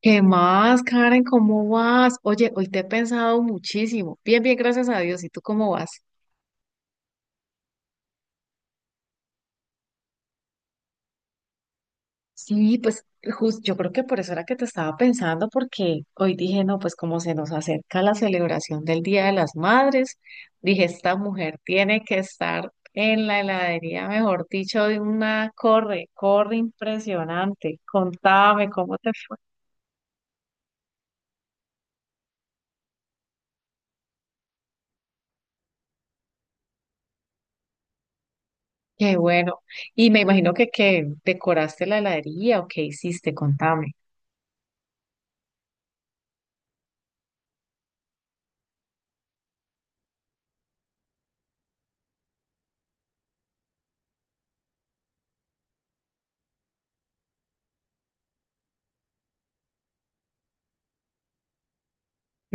¿Qué más, Karen? ¿Cómo vas? Oye, hoy te he pensado muchísimo. Bien, bien, gracias a Dios. ¿Y tú cómo vas? Sí, pues justo, yo creo que por eso era que te estaba pensando, porque hoy dije, no, pues como se nos acerca la celebración del Día de las Madres, dije, esta mujer tiene que estar en la heladería, mejor dicho, de una corre impresionante. Contame cómo te fue. Qué bueno. Y me imagino que decoraste la heladería o qué hiciste, contame.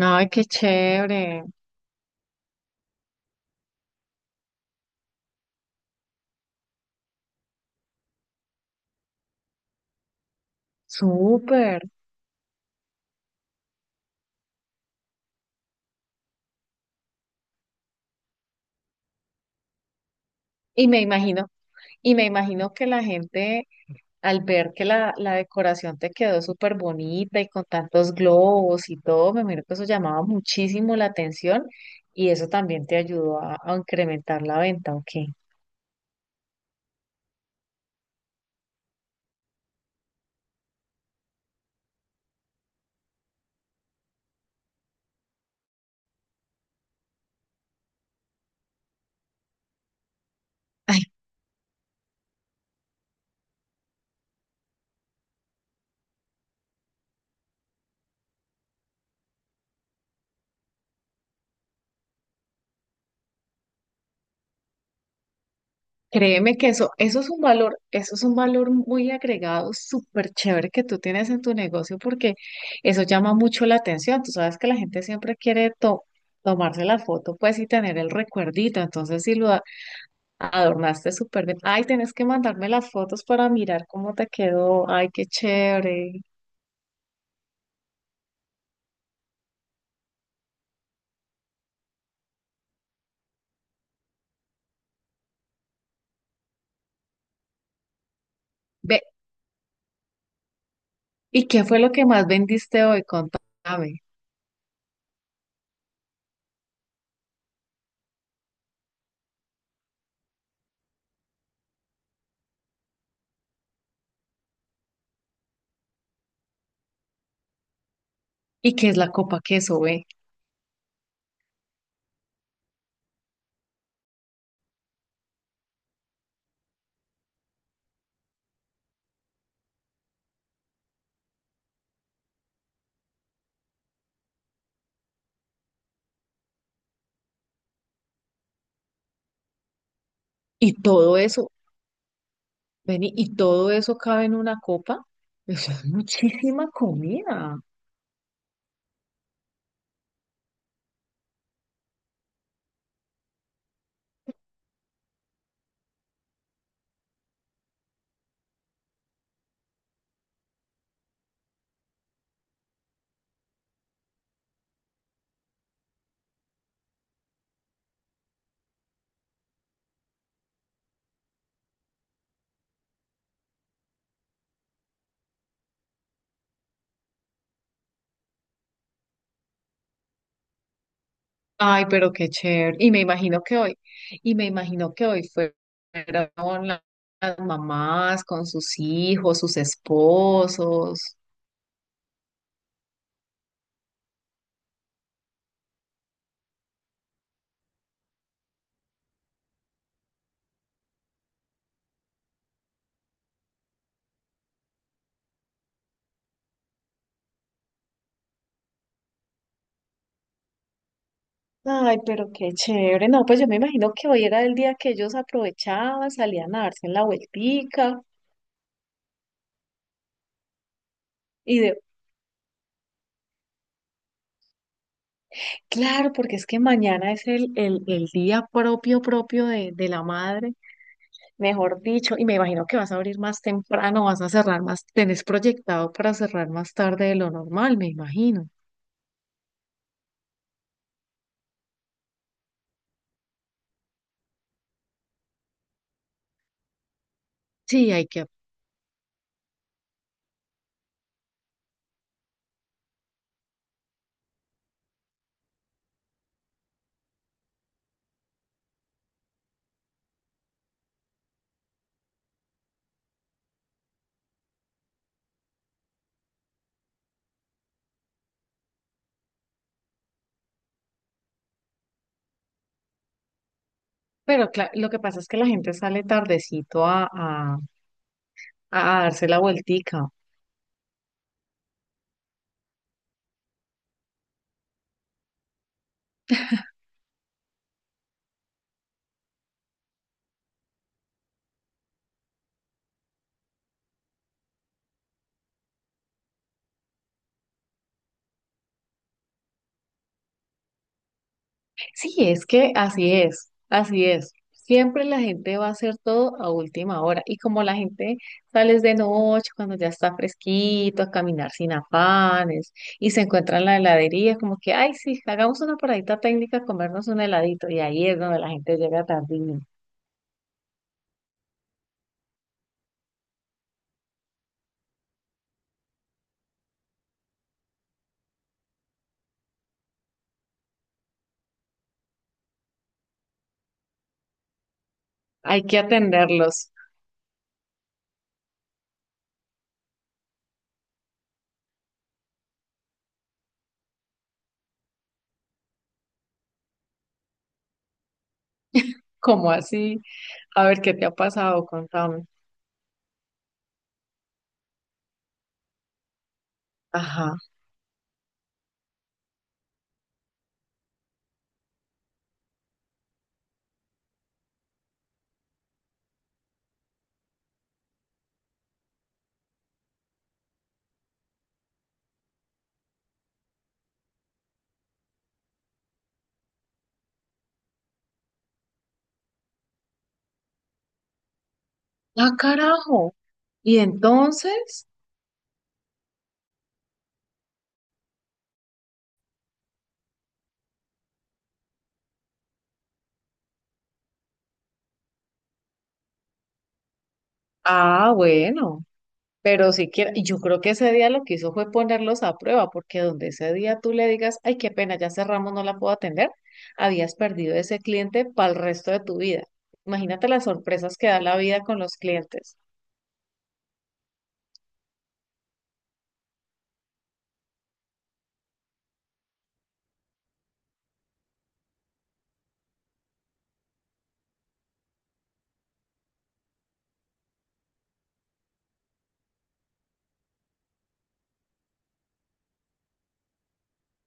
Ay, qué chévere, súper. Y me imagino, y me imagino que la gente al ver que la decoración te quedó súper bonita y con tantos globos y todo, me imagino que eso llamaba muchísimo la atención y eso también te ayudó a incrementar la venta, ¿o qué? Créeme que eso es un valor, eso es un valor muy agregado, súper chévere que tú tienes en tu negocio porque eso llama mucho la atención. Tú sabes que la gente siempre quiere tomarse la foto, pues, y tener el recuerdito. Entonces, si lo adornaste súper bien, ay, tienes que mandarme las fotos para mirar cómo te quedó. Ay, qué chévere. Ve, ¿y qué fue lo que más vendiste hoy? Contame. ¿Y qué es la copa queso, ve? Y todo eso. Vení, y todo eso cabe en una copa. Eso es muchísima comida. Ay, pero qué chévere. Y me imagino que hoy, y me imagino que hoy fueron la- las mamás con sus hijos, sus esposos. Ay, pero qué chévere. No, pues yo me imagino que hoy era el día que ellos aprovechaban, salían a darse en la vueltica. Y de, claro, porque es que mañana es el día propio, propio de la madre. Mejor dicho, y me imagino que vas a abrir más temprano, vas a cerrar más, tenés proyectado para cerrar más tarde de lo normal, me imagino. Sí, hay que, pero lo que pasa es que la gente sale tardecito a darse la vueltica. Sí, es que así es, así es. Siempre la gente va a hacer todo a última hora. Y como la gente sales de noche, cuando ya está fresquito, a caminar sin afanes, y se encuentra en la heladería, como que, ay, sí, hagamos una paradita técnica, comernos un heladito. Y ahí es donde la gente llega tardísimo. Hay que atenderlos. Como así? A ver, ¿qué te ha pasado? Contame. Ajá. ¡Ah, carajo! Y entonces, ah, bueno. Pero siquiera, y yo creo que ese día lo que hizo fue ponerlos a prueba, porque donde ese día tú le digas, ay, qué pena, ya cerramos, no la puedo atender, habías perdido ese cliente para el resto de tu vida. Imagínate las sorpresas que da la vida con los clientes.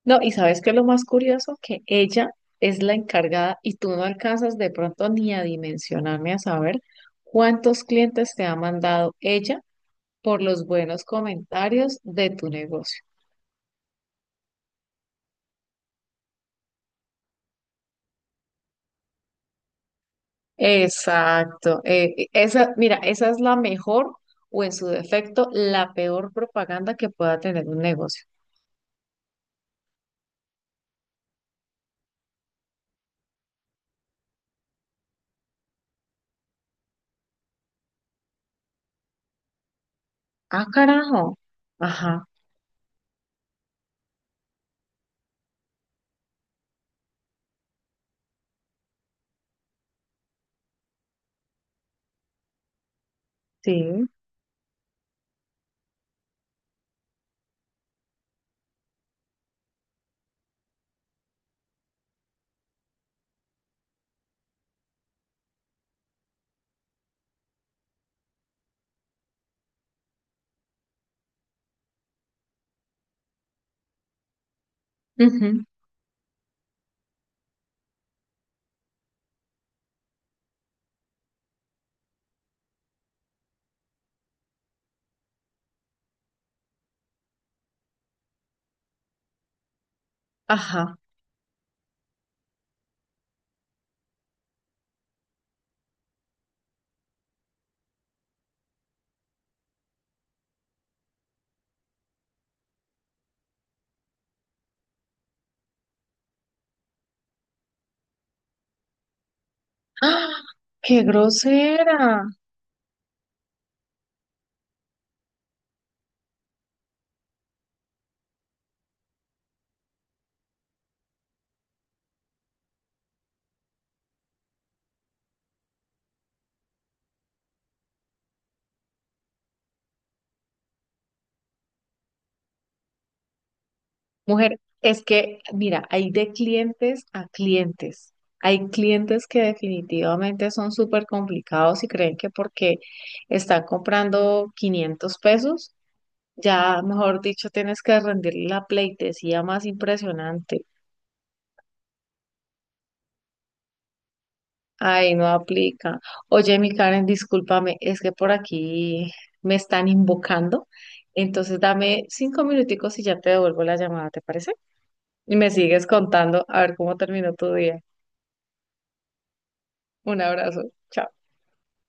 No, y sabes qué es lo más curioso, que ella es la encargada y tú no alcanzas de pronto ni a dimensionarme a saber cuántos clientes te ha mandado ella por los buenos comentarios de tu negocio. Exacto. Mira, esa es la mejor o en su defecto la peor propaganda que pueda tener un negocio. Ah, carajo. Ajá, sí. Ujú. Ajá. ¡Ah! ¡Qué grosera! Mujer, es que, mira, hay de clientes a clientes. Hay clientes que definitivamente son súper complicados y creen que porque están comprando 500 pesos ya, mejor dicho, tienes que rendirle la pleitesía más impresionante. Ay, no aplica. Oye, mi Karen, discúlpame, es que por aquí me están invocando. Entonces dame 5 minuticos y ya te devuelvo la llamada, ¿te parece? Y me sigues contando a ver cómo terminó tu día. Un abrazo. Chao.